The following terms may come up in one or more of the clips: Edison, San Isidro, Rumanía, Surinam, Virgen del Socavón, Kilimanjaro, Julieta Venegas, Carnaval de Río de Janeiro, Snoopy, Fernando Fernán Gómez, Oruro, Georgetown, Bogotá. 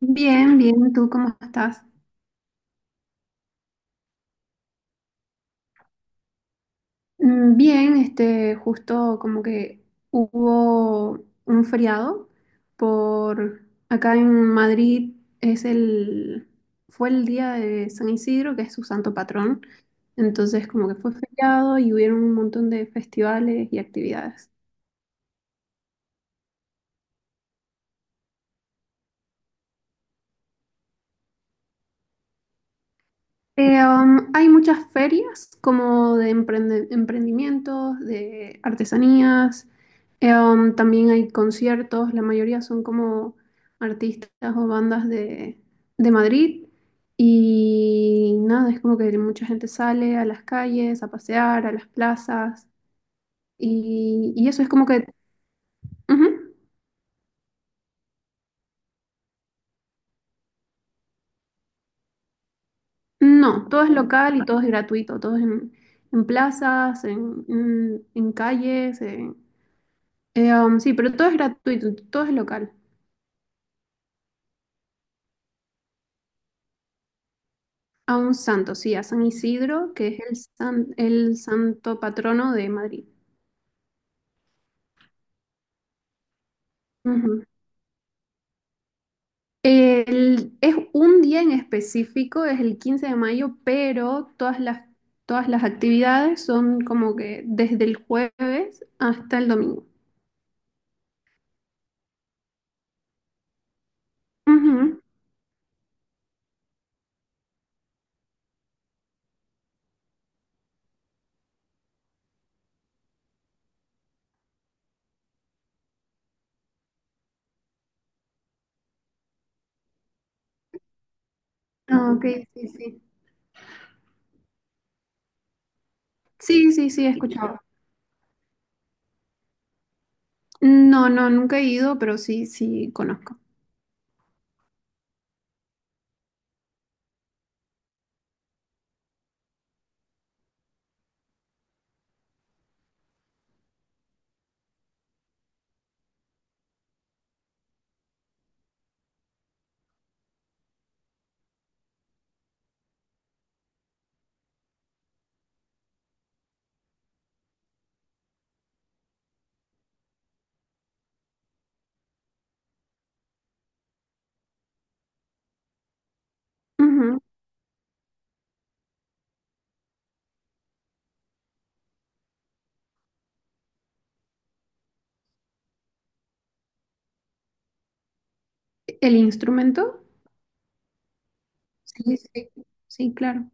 Bien, bien, ¿tú cómo estás? Bien, justo como que hubo un feriado por acá en Madrid es el, fue el día de San Isidro, que es su santo patrón. Entonces como que fue feriado y hubieron un montón de festivales y actividades. Hay muchas ferias como de emprendimientos, de artesanías. También hay conciertos, la mayoría son como artistas o bandas de Madrid, y nada, es como que mucha gente sale a las calles, a pasear, a las plazas, y eso es como que. Ujú. No, todo es local y todo es gratuito, todo es en plazas, en calles, sí, pero todo es gratuito, todo es local. A un santo, sí, a San Isidro, que es el santo patrono de Madrid. Ujú. Es un día en específico, es el 15 de mayo, pero todas las actividades son como que desde el jueves hasta el domingo. Ujú. Ah, ok, sí, sí. Sí, sí, sí, he escuchado. No, no, nunca he ido, pero sí, sí, conozco. Ujú. ¿El instrumento? Sí, sí, sí, claro.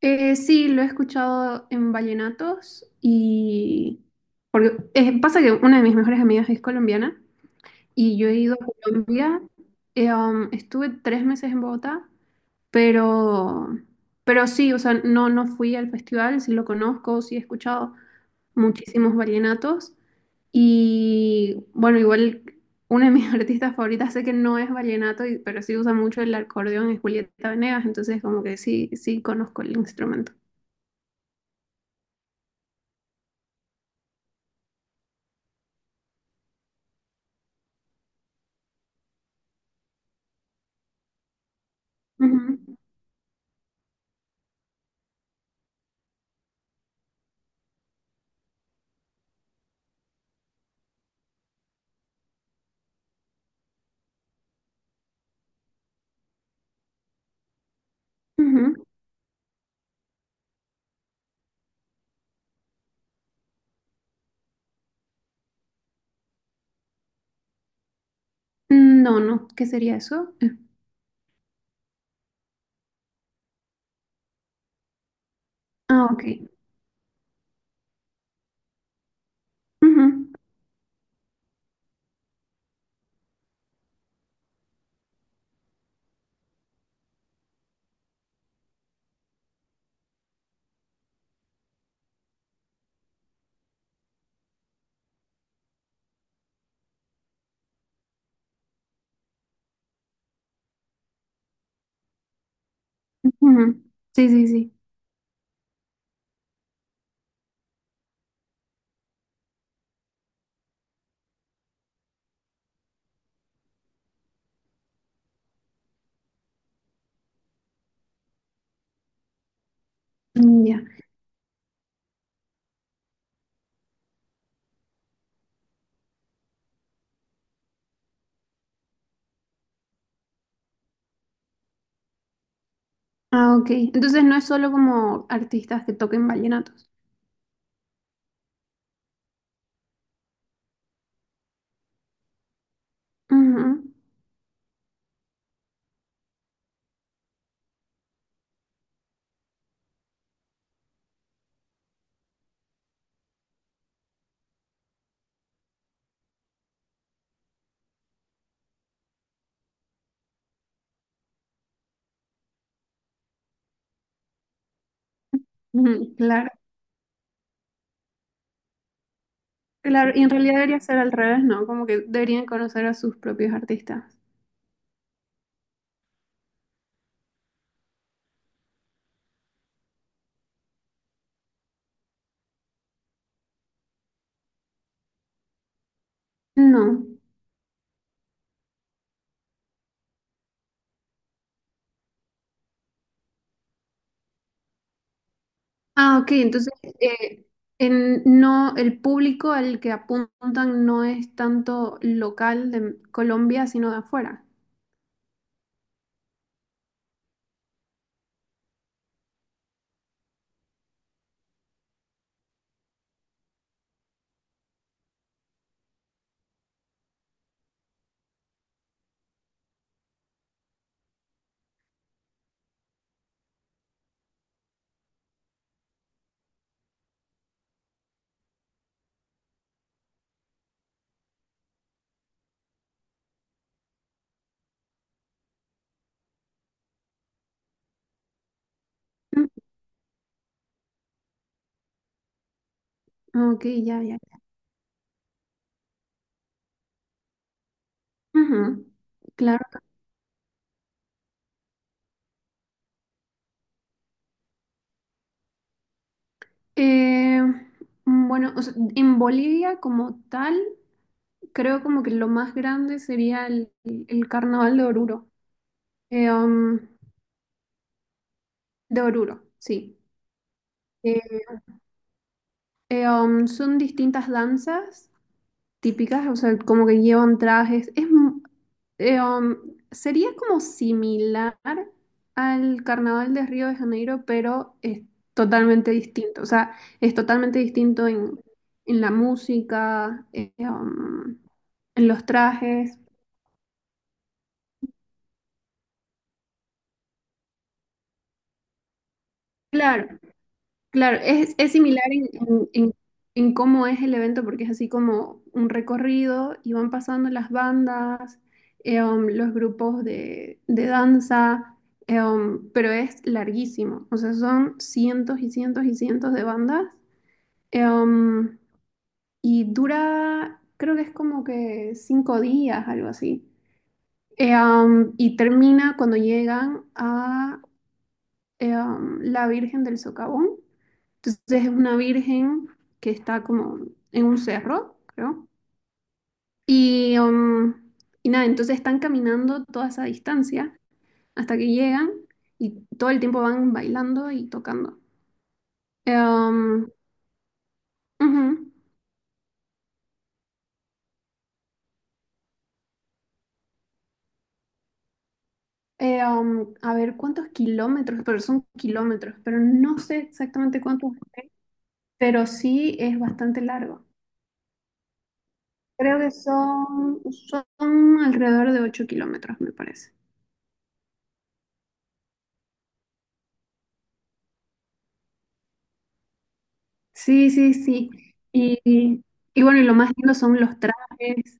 Sí, lo he escuchado en vallenatos, y porque pasa que una de mis mejores amigas es colombiana y yo he ido a Colombia. Estuve 3 meses en Bogotá, pero sí, o sea, no no fui al festival, sí lo conozco, sí he escuchado muchísimos vallenatos. Y bueno, igual una de mis artistas favoritas, sé que no es vallenato, pero sí usa mucho el acordeón, es Julieta Venegas. Entonces como que sí conozco el instrumento. Ujú, ujú. No, no, ¿qué sería eso? Ah, ok. Ujú, ujú. Sí, sí, sí. Mm, ya. Ah, ok. Entonces no es solo como artistas que toquen vallenatos. Ujú, ujú, claro, claro. Y en realidad debería ser al revés, ¿no? Como que deberían conocer a sus propios artistas. No. Ah, ok. Entonces, eh, no, el público al que apuntan no es tanto local de Colombia, sino de afuera. Ujú. Ok, ya, ya. Ujú, claro. Eh, bueno, o sea, en Bolivia como tal, creo como que lo más grande sería el carnaval de Oruro. Eh, um, de Oruro, sí. Eh, Son distintas danzas típicas, o sea, como que llevan trajes. Eh, um, Sería como similar al Carnaval de Río de Janeiro, pero es totalmente distinto. O sea, es totalmente distinto en la música, en los trajes. Claro, claro, es similar en cómo es el evento, porque es así como un recorrido y van pasando las bandas, los grupos de danza. Pero es larguísimo, o sea, son cientos y cientos y cientos de bandas. eh, um, y dura, creo que es como que 5 días, algo así. Y termina cuando llegan a la Virgen del Socavón. Entonces es una virgen que está como en un cerro, creo. Y, um, y nada, entonces están caminando toda esa distancia hasta que llegan, y todo el tiempo van bailando y tocando. Eh, um, Ujú. A ver cuántos kilómetros, pero son kilómetros, pero no sé exactamente cuántos, pero sí es bastante largo. Creo que son alrededor de 8 kilómetros, me parece. Sí, sí, sí. Y, y- y bueno, y lo más lindo son los trajes,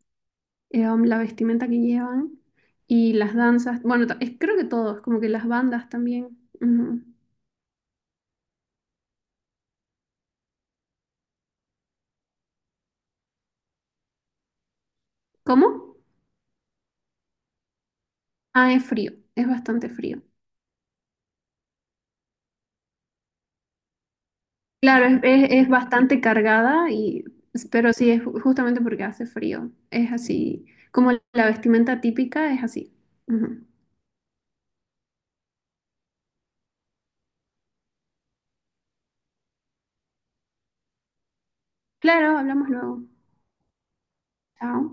la vestimenta que llevan y las danzas. Bueno, creo que todos, como que las bandas también. Ujú. ¿Cómo? Ah, es frío, es bastante frío. Claro, es bastante cargada, y, pero sí, es justamente porque hace frío. Es así, como la vestimenta típica es así. Ujú. Claro, hablamos luego. Chao.